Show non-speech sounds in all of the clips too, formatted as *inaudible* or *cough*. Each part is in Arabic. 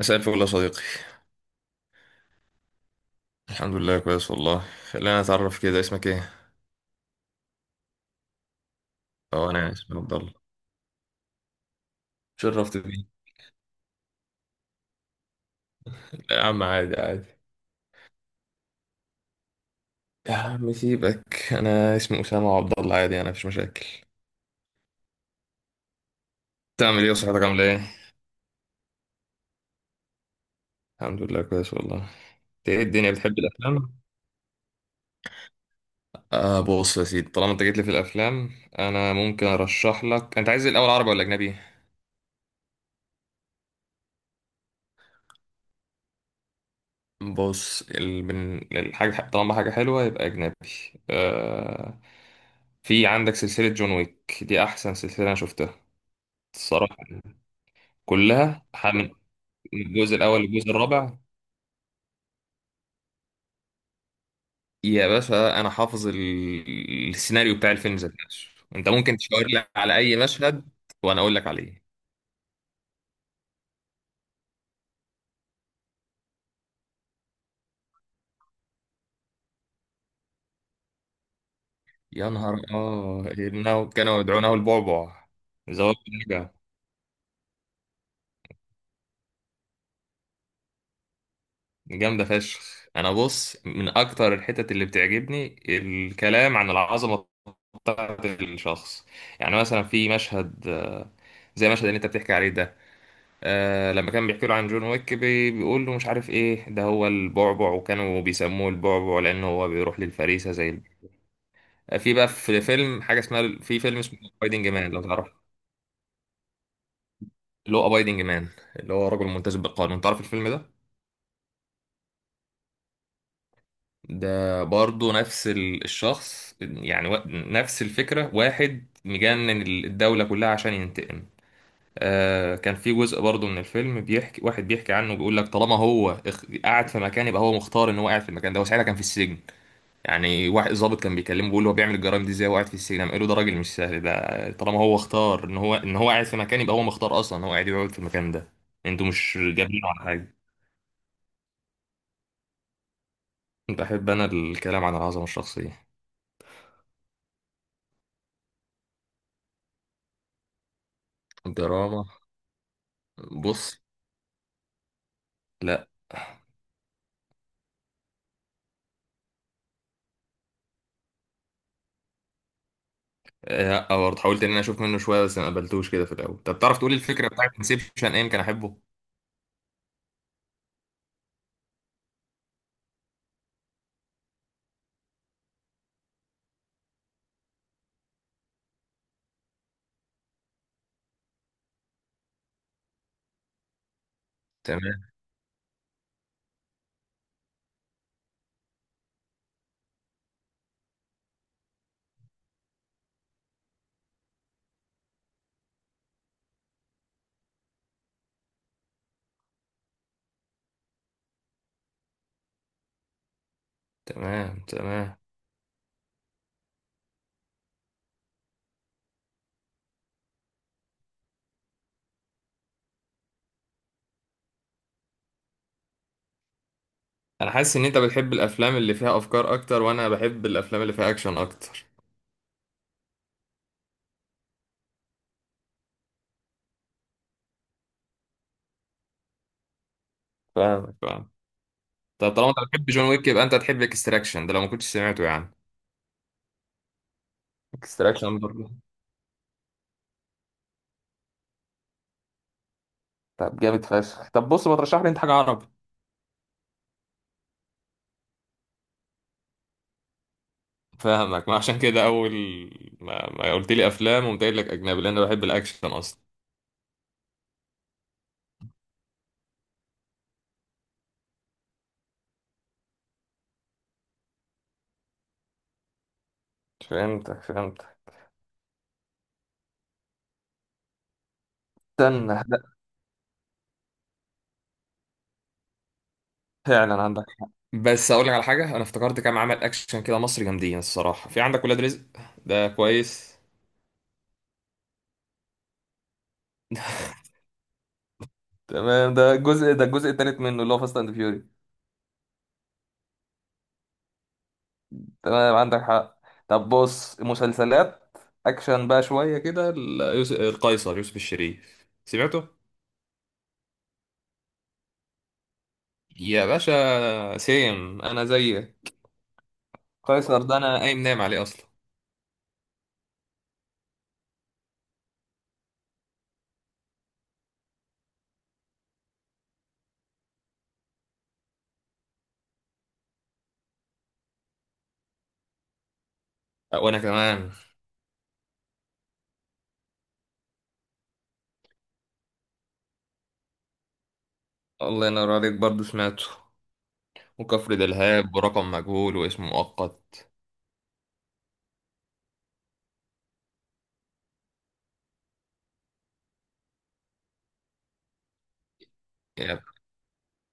مساء الفل يا صديقي. الحمد لله كويس والله. خلينا نتعرف كده، اسمك ايه؟ اه انا يعني اسمي عبد الله. شرفت بيه. لا يا عم، عادي عادي. يا عم سيبك، انا اسمي اسامه عبد الله، عادي، انا مفيش مشاكل. تعمل ايه؟ وصحتك عامله ايه؟ الحمد لله كويس والله، انت؟ ايه الدنيا، بتحب الافلام؟ بص يا سيدي، طالما انت جيت لي في الافلام، انا ممكن ارشح لك. انت عايز الاول عربي ولا اجنبي؟ بص، من الحاجة، طالما حاجة حلوة يبقى أجنبي. آه... في عندك سلسلة جون ويك، دي أحسن سلسلة أنا شفتها الصراحة. من الجزء الأول للجزء الرابع. يا باشا أنا حافظ السيناريو بتاع الفيلم ذات نفسه. أنت ممكن تشاور لي على أي مشهد وأنا أقول لك عليه. يا نهار، إنه كانوا يدعونه البعبع. زواج النجا، جامدة فشخ. أنا بص، من أكتر الحتت اللي بتعجبني الكلام عن العظمة بتاعت الشخص. يعني مثلا في مشهد، زي المشهد اللي أنت بتحكي عليه ده. لما كان بيحكي له عن جون ويك، بيقول له مش عارف إيه، ده هو البعبع، وكانوا بيسموه البعبع لأنه هو بيروح للفريسة زي في بقى، في فيلم حاجة اسمها، في فيلم اسمه أبايدنج مان، لو تعرف. اللي هو أبايدنج مان، اللي هو رجل ملتزم بالقانون، تعرف الفيلم ده؟ ده برضه نفس الشخص يعني، نفس الفكرة، واحد مجنن الدولة كلها عشان ينتقم. كان في جزء برضه من الفيلم بيحكي، واحد بيحكي عنه، بيقول لك طالما هو قاعد في مكان، يبقى هو مختار ان هو قاعد في المكان ده، وساعتها كان في السجن. يعني واحد ضابط كان بيكلمه بيقول له هو بيعمل الجرائم دي ازاي وقاعد في السجن، قام قال له ده راجل مش سهل، ده طالما هو اختار ان هو قاعد في مكان، يبقى هو مختار اصلا ان هو قاعد يقعد في المكان ده. انتوا مش جابينه على حاجة. بحب انا الكلام عن العظمة الشخصية. دراما. بص. لا. برضه حاولت ان انا اشوف منه شويه، بس ما قبلتوش كده في الاول. طب تعرف تقولي الفكره بتاعت انسبشن ايه، يمكن احبه. تمام. تمام. تمام. انا حاسس ان انت بتحب الافلام اللي فيها افكار اكتر، وانا بحب الافلام اللي فيها اكشن اكتر. فاهمك، فاهم. طب طالما انت بتحب جون ويك، يبقى انت تحب اكستراكشن ده لو ما كنتش سمعته يعني. اكستراكشن برضه. طب جامد فشخ. طب بص، ما ترشح لي انت حاجه عربي. فاهمك، ما عشان كده اول ما قلت لي افلام وقمت قايل لك اجنبي، لان انا بحب الاكشن اصلا. فهمتك فهمتك. استنى. فعلا عندك حق، بس اقول لك على حاجه، انا افتكرت كام عمل اكشن كده مصري جامدين الصراحه، في عندك ولاد رزق، ده كويس. *laughs* تمام. ده الجزء، الجزء التالت منه اللي هو فاست اند فيوري. تمام عندك حق. طب بص، مسلسلات اكشن بقى شويه كده، القيصر، يوسف الشريف، سمعته؟ يا باشا سيم، انا زيك. قيصر ده انا قايم نايم عليه اصلا. أه، وانا كمان. الله ينور عليك، برضه سمعته، وكفر دلهاب ورقم مجهول واسم مؤقت.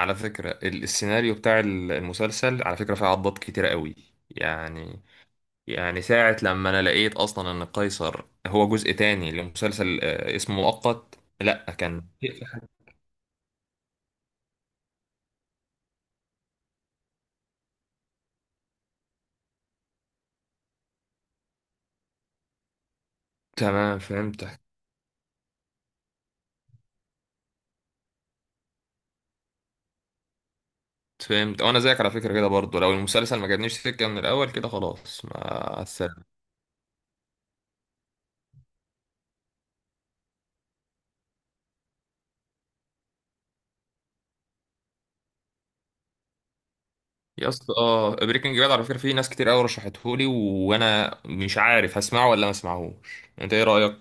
على فكرة السيناريو بتاع المسلسل على فكرة فيه عضات كتيرة قوي. يعني يعني ساعة لما أنا لقيت أصلا إن قيصر هو جزء تاني لمسلسل اسمه مؤقت. لأ كان. تمام فهمتك فهمت. وأنا زيك على فكرة كده برضه، لو المسلسل ما جابنيش سكة من الأول كده خلاص مع السلامة. يا اسطى، بريكنج باد على فكرة فيه ناس كتير قوي رشحتهولي، وأنا مش عارف هسمعه ولا ما اسمعهوش، أنت إيه رأيك؟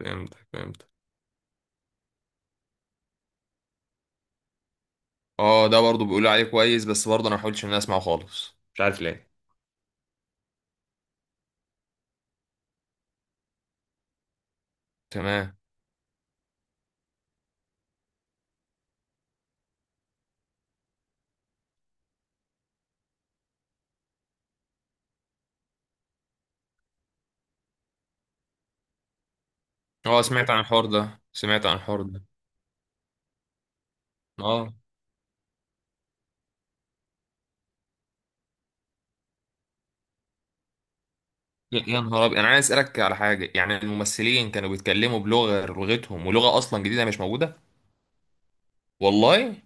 فهمتك فهمت. اه، ده برضه بيقولوا عليه كويس، بس برضه انا ما حاولتش ان انا اسمعه خالص، مش عارف ليه. تمام. اه، سمعت عن الحوار ده، سمعت عن الحوار ده. اه. يا نهار ابيض، انا عايز اسالك على حاجه، يعني الممثلين كانوا بيتكلموا بلغه غير لغتهم، ولغه اصلا جديده مش موجوده؟ والله؟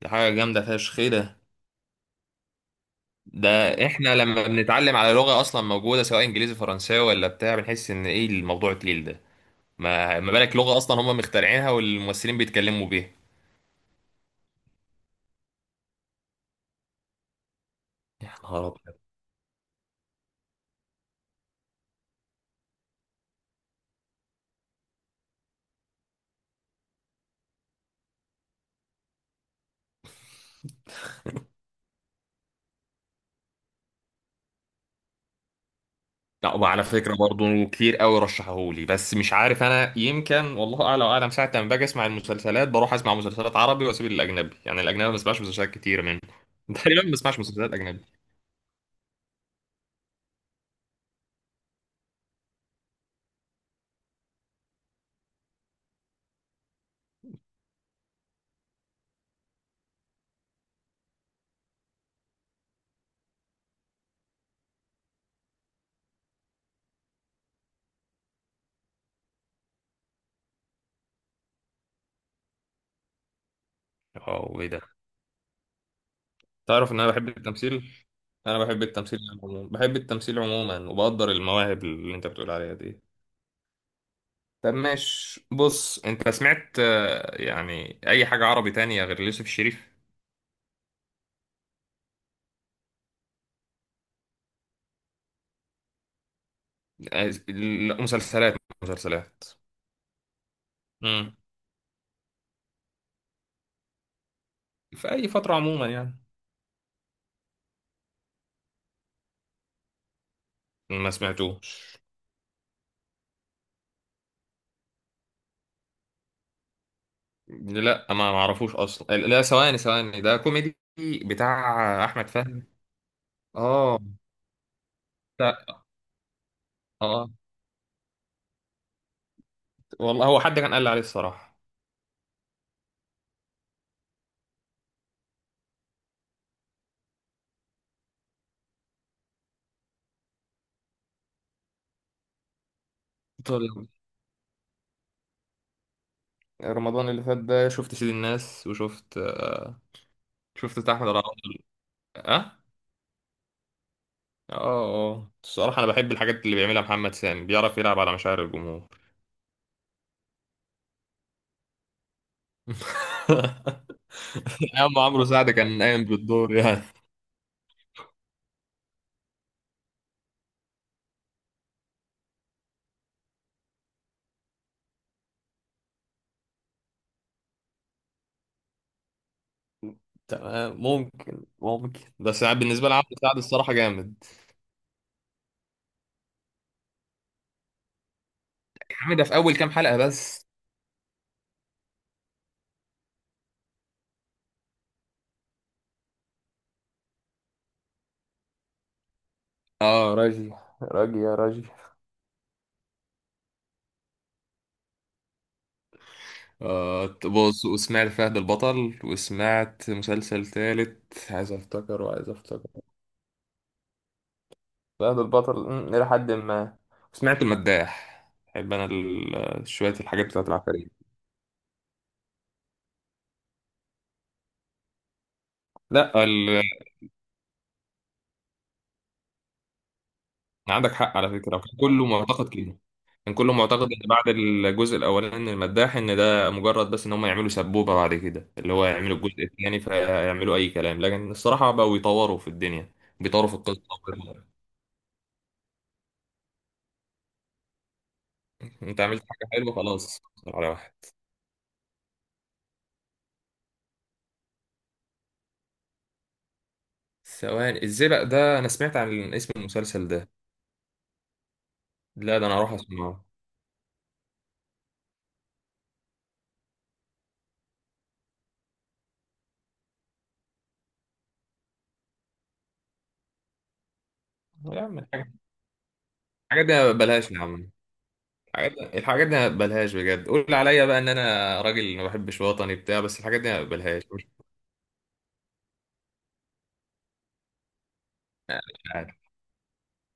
دي حاجه جامده فشخ، ايه ده. ده احنا لما بنتعلم على لغه اصلا موجوده، سواء انجليزي فرنساوي ولا بتاع، بنحس ان ايه الموضوع التقيل ده، ما بالك لغه اصلا هم مخترعينها والممثلين بيتكلموا بيها. يا نهار. لا، وعلى فكرة برضه كتير قوي رشحهولي، بس مش عارف انا، يمكن والله اعلى واعلم، ساعة لما باجي اسمع المسلسلات بروح اسمع مسلسلات عربي واسيب الاجنبي، يعني الاجنبي ما بسمعش مسلسلات كتير منه. *laughs* تقريبا ما بسمعش مسلسلات اجنبي. اه، وايه ده. تعرف ان انا بحب التمثيل، انا بحب التمثيل عموما، بحب التمثيل عموما، وبقدر المواهب اللي انت بتقول عليها دي. طب ماشي، بص، انت سمعت، يعني اي حاجة عربي تانية غير يوسف الشريف؟ لا، مسلسلات. مسلسلات. امم في اي فترة عموما يعني. ما سمعتوش. لا، ما اعرفوش اصلا، لا ثواني ثواني، ده كوميدي بتاع احمد فهمي؟ اه. لا اه والله، هو حد كان قال لي عليه الصراحه. طول. رمضان اللي فات ده شفت سيد الناس، وشفت شفت بتاع احمد رمضان. اه. اه. اه الصراحه، انا بحب الحاجات اللي بيعملها محمد سامي، بيعرف يلعب على مشاعر الجمهور. *laughs* ايام عمرو سعد كان قايم بالدور يعني. تمام، ممكن بس يعني، بالنسبه لعمرو سعد الصراحه جامد. يا عم ده في اول كام حلقة بس. اه، راجي. راجي يا راجي. بص، وسمعت فهد البطل، وسمعت مسلسل تالت عايز افتكر وعايز افتكر. فهد البطل إلى حد ما. سمعت المداح، بحب انا شوية الحاجات بتاعت العفاريت. لا، عندك حق على فكرة، كان كله معتقد كده. كان كله معتقد ان بعد الجزء الاولاني من المداح ان ده مجرد بس ان هم يعملوا سبوبه، بعد كده اللي هو يعملوا الجزء الثاني فيعملوا اي كلام، لكن الصراحه بقوا يطوروا في الدنيا، بيطوروا في القصه. انت عملت حاجه حلوه خلاص. على واحد. ثواني، الزئبق ده انا سمعت عن اسم المسلسل ده. لا، ده انا هروح اسمعه. يا عم الحاجات، الحاجات دي أنا بلاش. يا عم الحاجات دي، أنا بلاش بجد، قول عليا بقى ان انا راجل ما بحبش وطني بتاع، بس الحاجات دي أنا بلاش.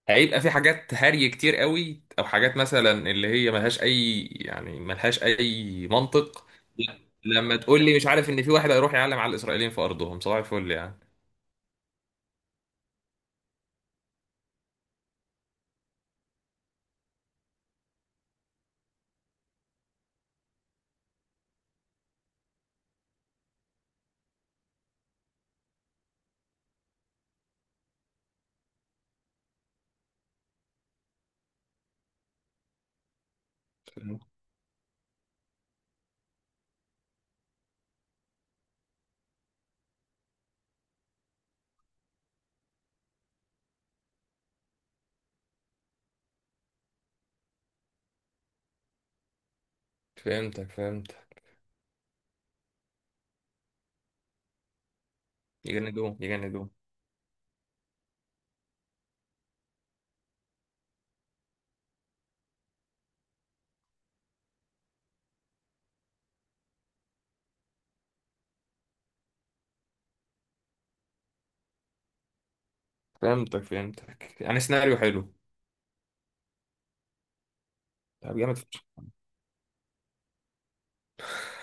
هيبقى في حاجات هري كتير قوي، او حاجات مثلا اللي هي ملهاش اي يعني، ملهاش اي منطق. لا، لما تقول لي مش عارف ان في واحد هيروح يعلم على الاسرائيليين في ارضهم، صباح الفل يعني. فهمت- فهمتك فهمتك. يجندوه يجندوه. فهمتك فهمتك، يعني سيناريو حلو. طب جامد فشخ.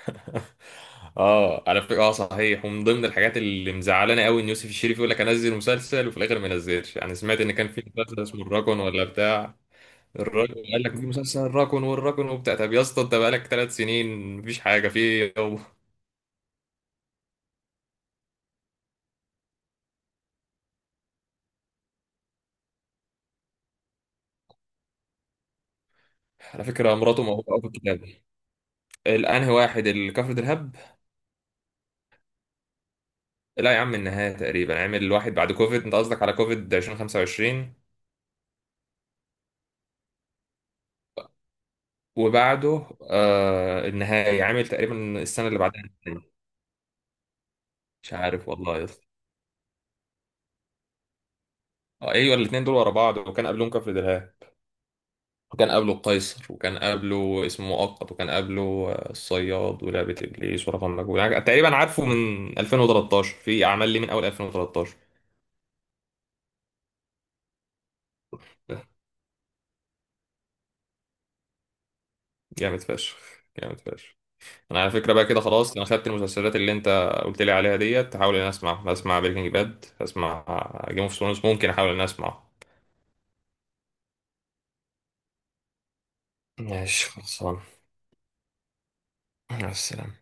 *laughs* اه على فكره، اه صحيح، ومن ضمن الحاجات اللي مزعلانه قوي، ان يوسف الشريف يقول لك انزل مسلسل وفي الاخر ما ينزلش، يعني سمعت ان كان في مسلسل اسمه الراكون ولا بتاع. الراجل قال لك في مسلسل الراكون، والراكون، وبتاع، طب يا اسطى انت بقالك ثلاث سنين مفيش حاجه، في إيه؟ هو. على فكره مراته موجوده في الكتاب. الانهي واحد، الكفر دلهاب؟ لا يا عم، النهايه تقريبا عامل واحد بعد كوفيد، انت قصدك على كوفيد؟ 2025 وبعده النهايه، عامل تقريبا السنه اللي بعدها النهاية. مش عارف والله يا اسطى. ايوه، الاثنين دول ورا بعض، وكان قبلهم كفر دلهاب، وكان قبله القيصر، وكان قبله اسمه مؤقت، وكان قبله الصياد ولعبة إبليس ورقم مجهول، يعني تقريبا عارفه من 2013، في أعمال ليه من أول 2013. جامد فشخ. جامد فشخ. أنا على فكرة بقى كده خلاص، أنا خدت المسلسلات اللي أنت قلت لي عليها ديت. هحاول إن أنا أسمع، هسمع بريكنج باد، هسمع جيم اوف ثرونز، ممكن أحاول إن أنا أسمعه. ماشي خلصان. مع السلامة.